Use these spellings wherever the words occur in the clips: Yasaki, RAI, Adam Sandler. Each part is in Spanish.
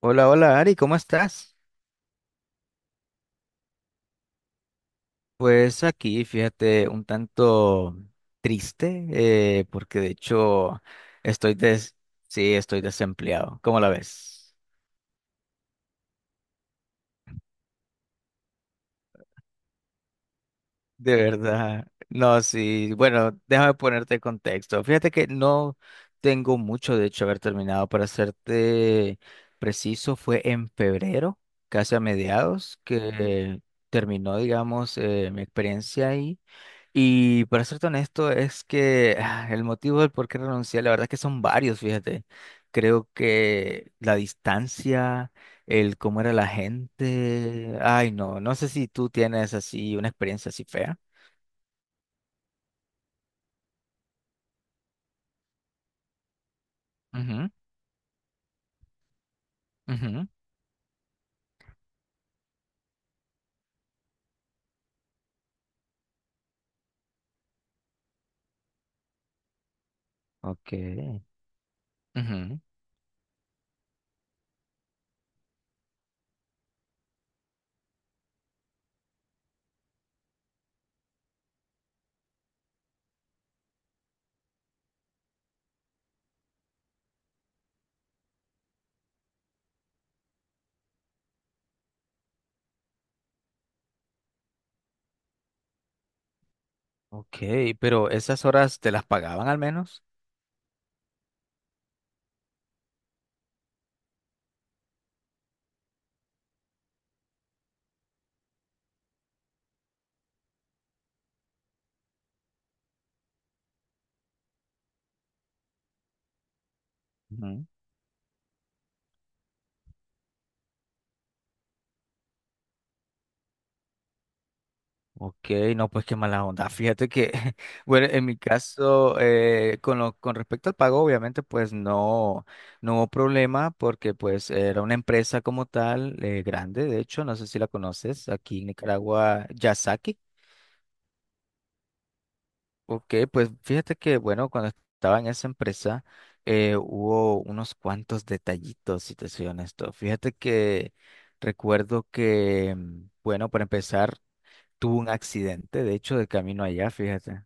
Hola, hola Ari, ¿cómo estás? Pues aquí, fíjate, un tanto triste, porque de hecho estoy des sí, estoy desempleado. ¿Cómo la ves? De verdad. No, sí. Bueno, déjame ponerte en contexto. Fíjate que no tengo mucho, de hecho, haber terminado. Para serte preciso, fue en febrero, casi a mediados, que terminó, digamos, mi experiencia. Y para serte honesto, es que el motivo del por qué renuncié, la verdad es que son varios, fíjate. Creo que la distancia, el cómo era la gente, ay no, no sé si tú tienes así una experiencia así fea. Ujú, ujú, ok, ujú. Ok, pero esas horas te las pagaban al menos. Ok, no, pues qué mala onda. Fíjate que, bueno, en mi caso, con lo, con respecto al pago, obviamente, pues no, no hubo problema porque pues era una empresa como tal, grande, de hecho, no sé si la conoces, aquí en Nicaragua, Yasaki. Ok, pues fíjate que, bueno, cuando estaba en esa empresa, hubo unos cuantos detallitos, si te soy honesto. Fíjate que recuerdo que, bueno, para empezar, tuve un accidente, de hecho, de camino allá, fíjate.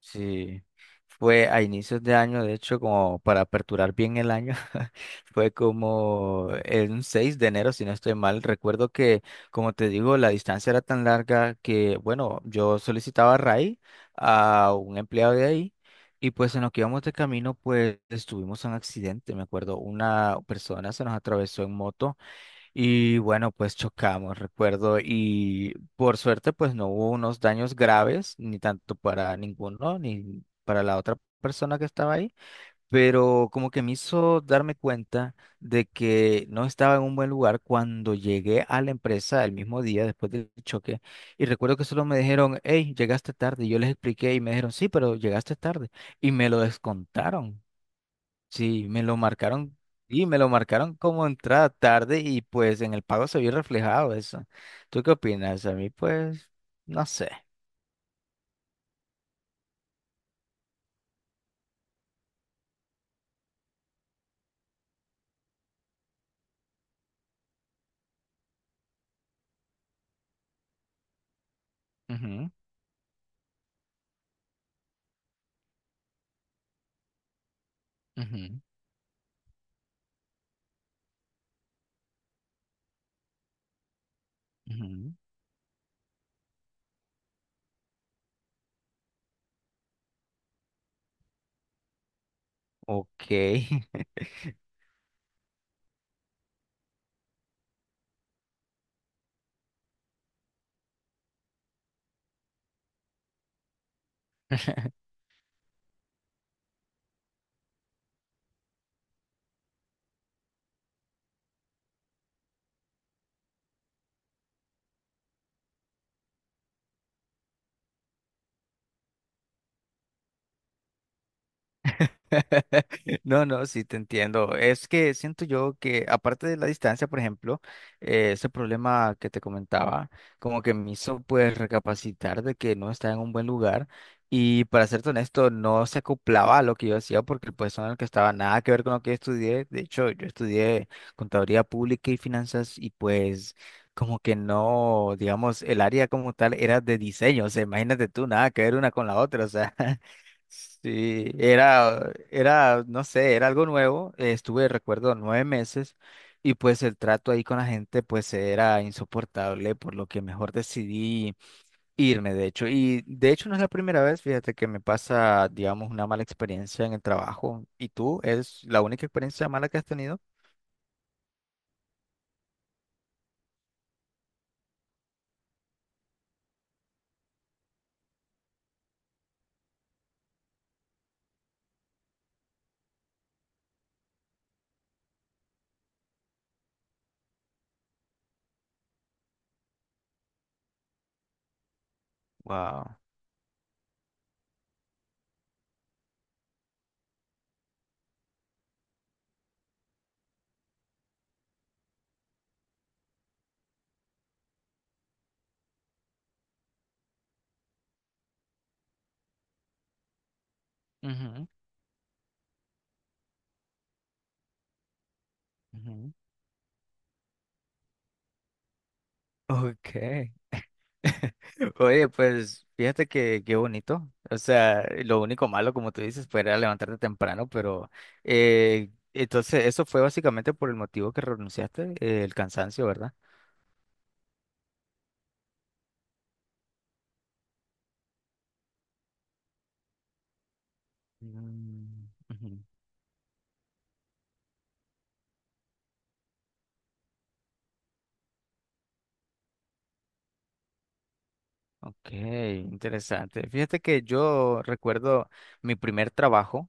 Sí, fue a inicios de año, de hecho, como para aperturar bien el año, fue como el 6 de enero, si no estoy mal. Recuerdo que, como te digo, la distancia era tan larga que, bueno, yo solicitaba a RAI, a un empleado de ahí, y pues en lo que íbamos de camino, pues tuvimos un accidente, me acuerdo, una persona se nos atravesó en moto y bueno, pues chocamos, recuerdo, y por suerte pues no hubo unos daños graves, ni tanto para ninguno, ni para la otra persona que estaba ahí, pero como que me hizo darme cuenta de que no estaba en un buen lugar cuando llegué a la empresa el mismo día después del choque, y recuerdo que solo me dijeron, hey, llegaste tarde, y yo les expliqué y me dijeron, sí, pero llegaste tarde, y me lo descontaron. Sí, me lo marcaron, y me lo marcaron como entrada tarde y pues en el pago se vio reflejado eso. ¿Tú qué opinas? A mí pues, no sé. Ujú, ujú, ujú. Ok. No, no, sí te entiendo. Es que siento yo que aparte de la distancia, por ejemplo, ese problema que te comentaba, como que me hizo pues recapacitar de que no estaba en un buen lugar y para serte honesto, no se acoplaba a lo que yo hacía porque el puesto en el que estaba nada que ver con lo que estudié. De hecho, yo estudié contaduría pública y finanzas y pues como que no, digamos, el área como tal era de diseño. O sea, imagínate tú, nada que ver una con la otra, o sea. Sí, no sé, era algo nuevo. Estuve, recuerdo, 9 meses y pues el trato ahí con la gente pues era insoportable, por lo que mejor decidí irme, de hecho. Y de hecho no es la primera vez, fíjate que me pasa, digamos, una mala experiencia en el trabajo. ¿Y tú? ¿Es la única experiencia mala que has tenido? Wow. Ujú, ujú. Ok. Oye, pues fíjate que qué bonito. O sea, lo único malo, como tú dices, fue era levantarte temprano, pero entonces eso fue básicamente por el motivo que renunciaste, el cansancio, ¿verdad? Ujú. Ok, interesante. Fíjate que yo recuerdo mi primer trabajo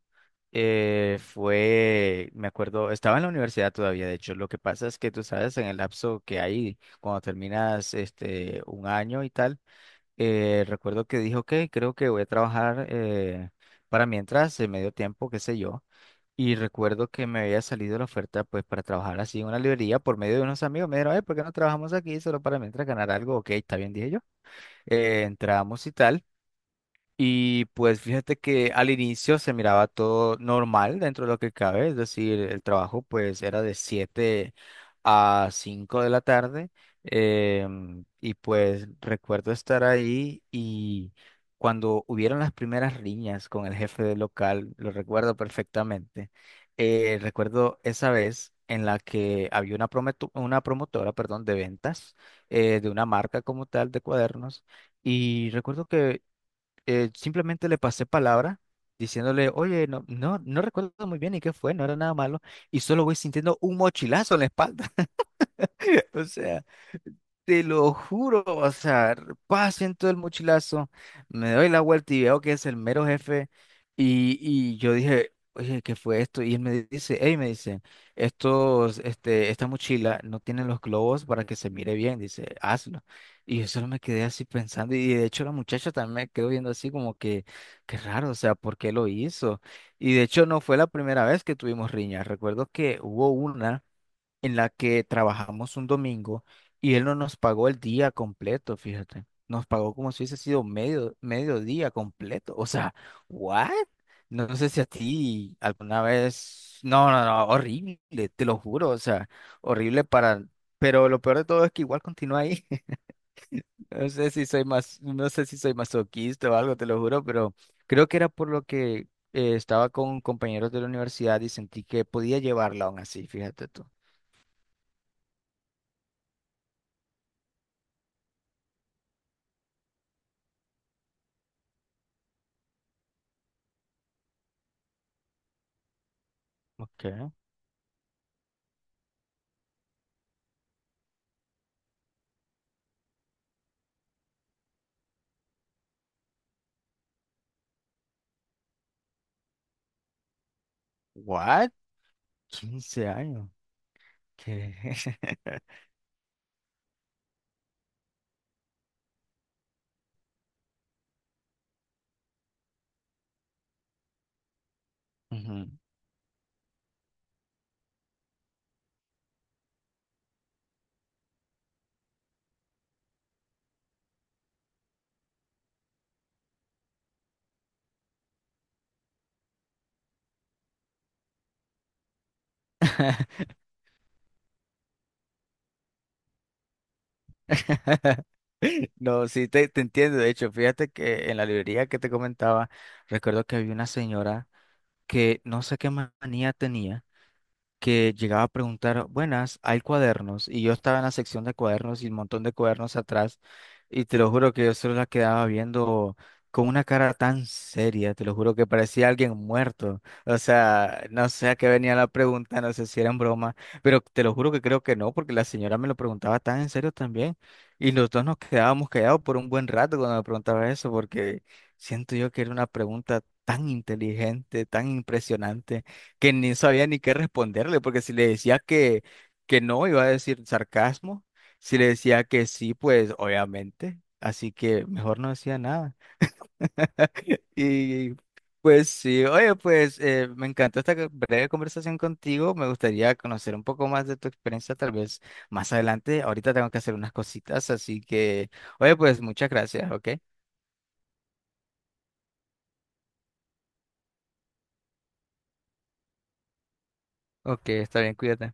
fue, me acuerdo, estaba en la universidad todavía, de hecho. Lo que pasa es que tú sabes, en el lapso que hay cuando terminas este un año y tal recuerdo que dijo que creo que voy a trabajar para mientras, de medio tiempo, qué sé yo. Y recuerdo que me había salido la oferta pues para trabajar así en una librería por medio de unos amigos. Me dijeron, ¿por qué no trabajamos aquí solo para mientras ganar algo? Ok, está bien, dije yo. Entramos y tal. Y pues fíjate que al inicio se miraba todo normal dentro de lo que cabe, es decir, el trabajo pues era de 7 a 5 de la tarde, y pues recuerdo estar ahí y cuando hubieron las primeras riñas con el jefe del local, lo recuerdo perfectamente, recuerdo esa vez en la que había una, una promotora, perdón, de ventas, de una marca como tal de cuadernos. Y recuerdo que simplemente le pasé palabra diciéndole, oye, no recuerdo muy bien y qué fue, no era nada malo, y solo voy sintiendo un mochilazo en la espalda. O sea, te lo juro, o sea, paso en todo el mochilazo, me doy la vuelta y veo que es el mero jefe. Y yo dije, oye, ¿qué fue esto? Y él me dice, hey, me dice, esta mochila no tiene los globos para que se mire bien, dice, hazlo. Y yo solo me quedé así pensando, y de hecho la muchacha también me quedó viendo así como que, qué raro, o sea, ¿por qué lo hizo? Y de hecho no fue la primera vez que tuvimos riñas, recuerdo que hubo una en la que trabajamos un domingo y él no nos pagó el día completo, fíjate. Nos pagó como si hubiese sido medio día completo. O sea, ¿what? No sé si a ti alguna vez... No, no, no, horrible, te lo juro. O sea, horrible para... Pero lo peor de todo es que igual continúa ahí. No sé si soy más, no sé si soy masoquista o algo, te lo juro, pero creo que era por lo que estaba con compañeros de la universidad y sentí que podía llevarla aún así, fíjate tú. Ok. ¿What? 15 años. ¿Qué? Ujú. No, sí, te entiendo. De hecho, fíjate que en la librería que te comentaba, recuerdo que había una señora que no sé qué manía tenía, que llegaba a preguntar, buenas, hay cuadernos. Y yo estaba en la sección de cuadernos y un montón de cuadernos atrás. Y te lo juro que yo solo la quedaba viendo con una cara tan seria, te lo juro que parecía alguien muerto. O sea, no sé a qué venía la pregunta, no sé si era en broma, pero te lo juro que creo que no, porque la señora me lo preguntaba tan en serio también. Y nosotros nos quedábamos callados por un buen rato cuando me preguntaba eso, porque siento yo que era una pregunta tan inteligente, tan impresionante que ni sabía ni qué responderle, porque si le decía que no, iba a decir sarcasmo, si le decía que sí, pues obviamente, así que mejor no decía nada. Y pues sí, oye, pues me encantó esta breve conversación contigo, me gustaría conocer un poco más de tu experiencia, tal vez más adelante, ahorita tengo que hacer unas cositas, así que, oye, pues muchas gracias, ¿ok? Ok, está bien, cuídate.